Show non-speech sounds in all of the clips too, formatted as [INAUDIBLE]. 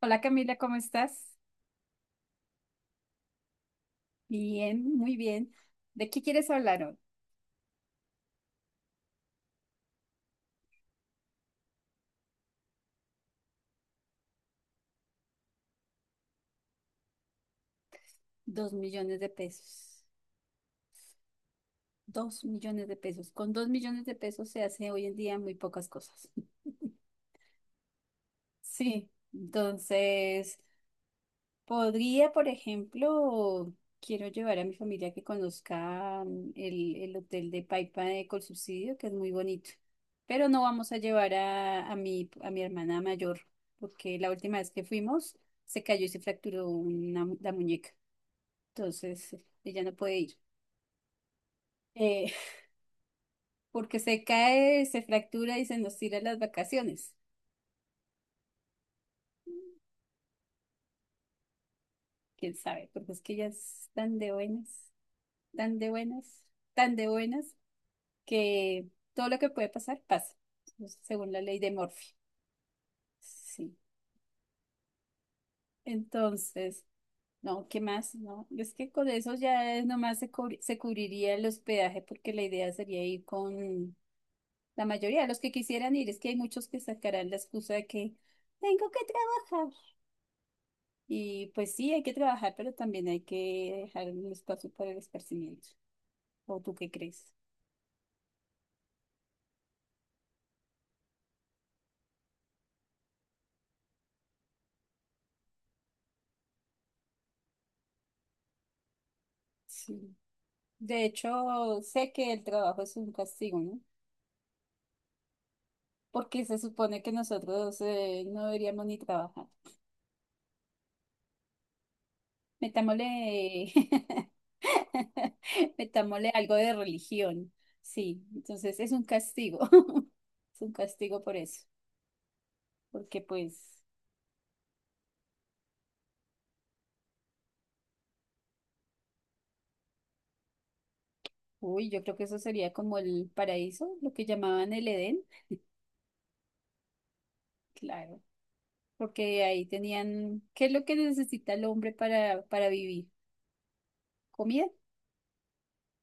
Hola, Camila, ¿cómo estás? Bien, muy bien. ¿De qué quieres hablar hoy? Dos millones de pesos. Dos millones de pesos. Con dos millones de pesos se hace hoy en día muy pocas cosas. [LAUGHS] Sí, entonces podría, por ejemplo, quiero llevar a mi familia que conozca el hotel de Paipa de Colsubsidio, que es muy bonito. Pero no vamos a llevar a mi hermana mayor, porque la última vez que fuimos se cayó y se fracturó la muñeca. Entonces, ella no puede ir. Eh, [LAUGHS] porque se cae, se fractura y se nos tira las vacaciones. ¿Quién sabe? Porque es que ella es tan de buenas, tan de buenas, tan de buenas, que todo lo que puede pasar, pasa, pues, según la ley de Murphy. Sí. Entonces, no, ¿qué más? No, es que con eso ya es nomás se cubriría el hospedaje, porque la idea sería ir con la mayoría de los que quisieran ir. Es que hay muchos que sacarán la excusa de que tengo que trabajar. Y pues sí, hay que trabajar, pero también hay que dejar un espacio para el esparcimiento. ¿O tú qué crees? Sí. De hecho, sé que el trabajo es un castigo, ¿no? Porque se supone que nosotros no deberíamos ni trabajar. Metámosle, [LAUGHS] metámosle algo de religión. Sí, entonces es un castigo. [LAUGHS] Es un castigo por eso, porque pues, uy, yo creo que eso sería como el paraíso, lo que llamaban el Edén, claro, porque ahí tenían, ¿qué es lo que necesita el hombre para vivir? Comida,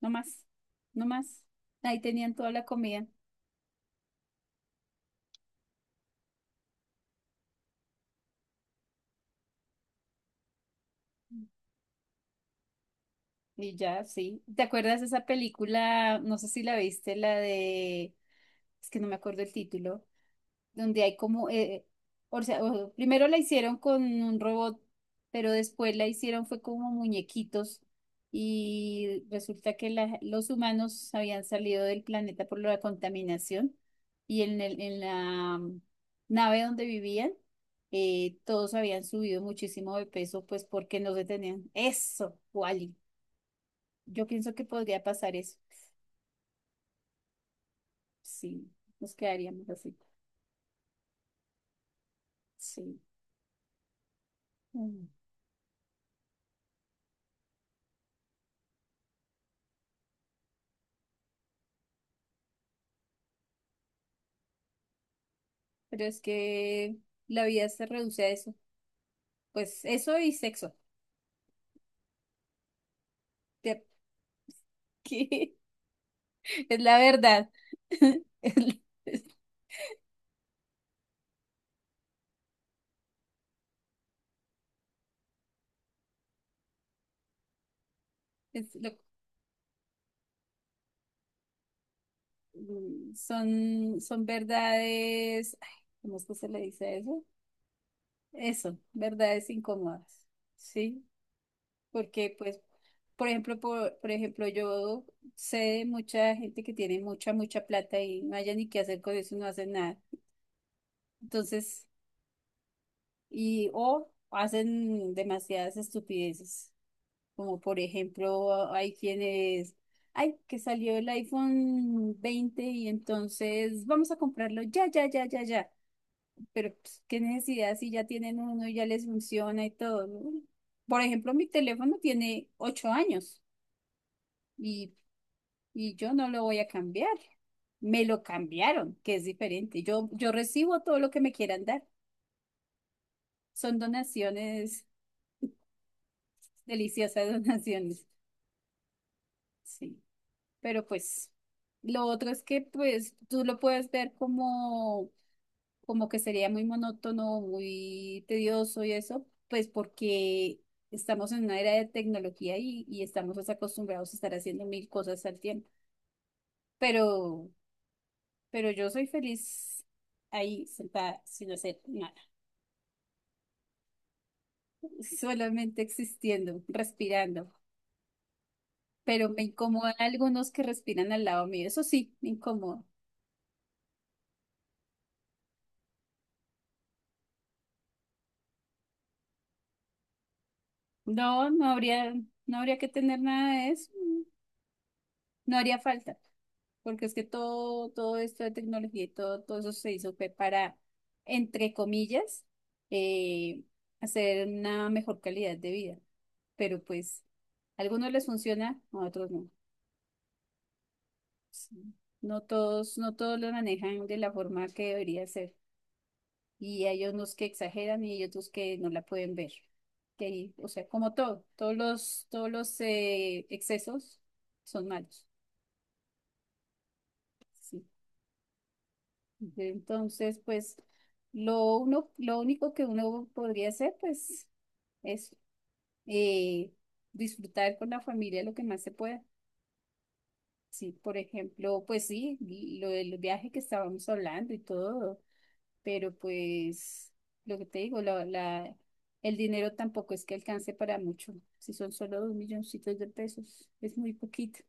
no más, no más. Ahí tenían toda la comida y ya, sí. ¿Te acuerdas de esa película? No sé si la viste, la de, es que no me acuerdo el título, donde hay como, primero la hicieron con un robot, pero después la hicieron fue como muñequitos y resulta que los humanos habían salido del planeta por la contaminación y en la nave donde vivían, todos habían subido muchísimo de peso, pues porque no se tenían. Eso, Wally. Yo pienso que podría pasar eso. Sí, nos quedaríamos así. Sí. Mm. Pero es que la vida se reduce a eso. Pues eso y sexo. Te- [LAUGHS] que Es la verdad. [LAUGHS] Es- la- es lo- son, son verdades. Ay, ¿cómo es que se le dice a eso? Eso, verdades incómodas. ¿Sí? Porque, pues, por ejemplo, yo sé de mucha gente que tiene mucha plata y no haya ni qué hacer con eso, no hacen nada. Entonces, y o hacen demasiadas estupideces. Como por ejemplo, hay quienes, ay, que salió el iPhone 20 y entonces vamos a comprarlo, ya, ya, ya, ya, ya. Pero pues, qué necesidad si ya tienen uno y ya les funciona y todo, ¿no? Por ejemplo, mi teléfono tiene 8 años y, y yo no lo voy a cambiar. Me lo cambiaron, que es diferente. Yo recibo todo lo que me quieran dar. Son donaciones, deliciosas [LAUGHS] donaciones. Sí. Pero pues lo otro es que pues tú lo puedes ver como, como que sería muy monótono, muy tedioso y eso, pues porque estamos en una era de tecnología y estamos, pues, acostumbrados a estar haciendo mil cosas al tiempo. Pero, pero yo soy feliz ahí sentada sin hacer nada, solamente existiendo, respirando. Pero me incomoda algunos que respiran al lado mío, eso sí, me incomoda. No, no habría, no habría que tener nada de eso. No haría falta, porque es que todo esto de tecnología y todo, todo eso se hizo fue para, entre comillas, eh, hacer una mejor calidad de vida. Pero pues, a algunos les funciona, a otros no. Sí. No todos lo manejan de la forma que debería ser. Y hay unos que exageran y hay otros que no la pueden ver. Que ahí, o sea, como todo, todos los excesos son malos. Sí. Entonces, pues lo único que uno podría hacer, pues, es eh, disfrutar con la familia lo que más se pueda. Sí, por ejemplo, pues sí, y lo del viaje que estábamos hablando y todo, pero pues lo que te digo, el dinero tampoco es que alcance para mucho. Si son solo dos milloncitos de pesos, es muy poquito.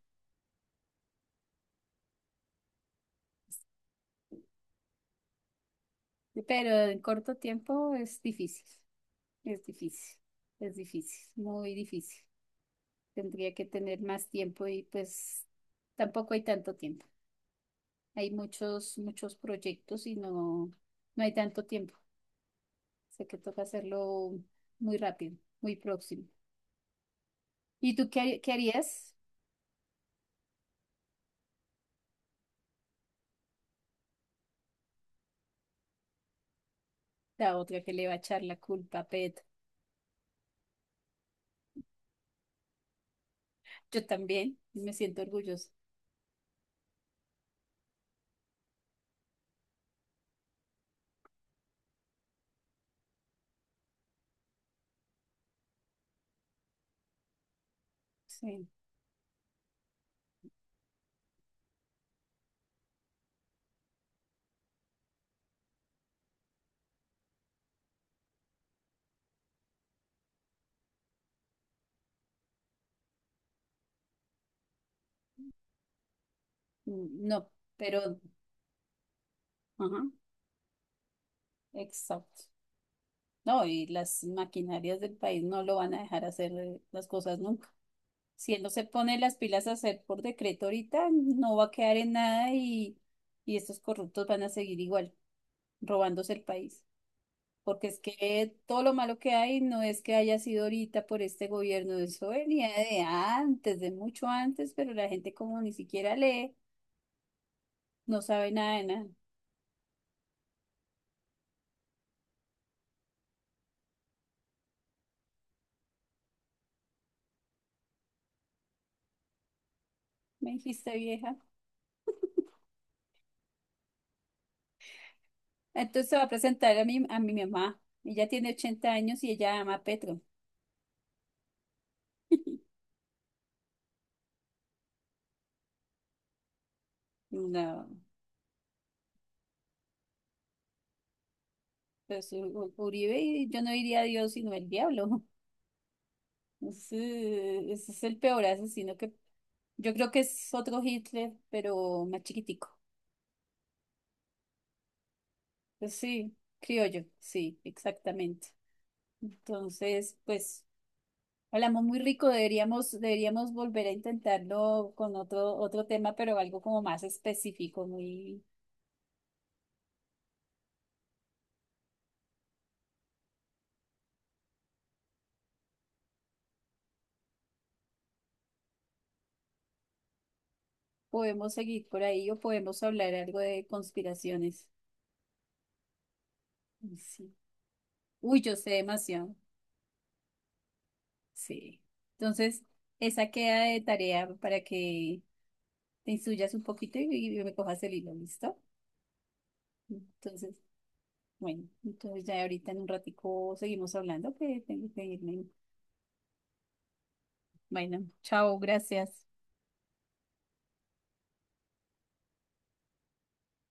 Pero en corto tiempo es difícil, es difícil, muy difícil. Tendría que tener más tiempo y pues tampoco hay tanto tiempo. Hay muchos, muchos proyectos y no, no hay tanto tiempo. Sé que toca hacerlo muy rápido, muy próximo. ¿Y tú qué, qué harías? La otra que le va a echar la culpa a Pet. Yo también me siento orgullosa. Sí. Mm, no, pero, ajá, exacto. No, y las maquinarias del país no lo van a dejar hacer las cosas nunca. Si él no se pone las pilas a hacer por decreto ahorita, no va a quedar en nada y estos corruptos van a seguir igual, robándose el país. Porque es que todo lo malo que hay no es que haya sido ahorita por este gobierno, eso venía de antes, de mucho antes, pero la gente como ni siquiera lee, no sabe nada de nada. Me dijiste vieja. Entonces se va a presentar a a mi mamá. Ella tiene 80 años y ella ama a Petro. No, pues Uribe, y yo no diría a Dios sino el diablo. Ese es el peor asesino que yo creo que es otro Hitler, pero más chiquitico. Pues sí, criollo, sí, exactamente. Entonces, pues hablamos muy rico, deberíamos volver a intentarlo con otro tema, pero algo como más específico, muy, podemos seguir por ahí o podemos hablar algo de conspiraciones. Sí. Uy, yo sé demasiado. Sí. Entonces, esa queda de tarea para que te instruyas un poquito y me cojas el hilo, ¿listo? Entonces, bueno, entonces ya ahorita en un ratico seguimos hablando, que tengo que irme. Bueno, chao, gracias.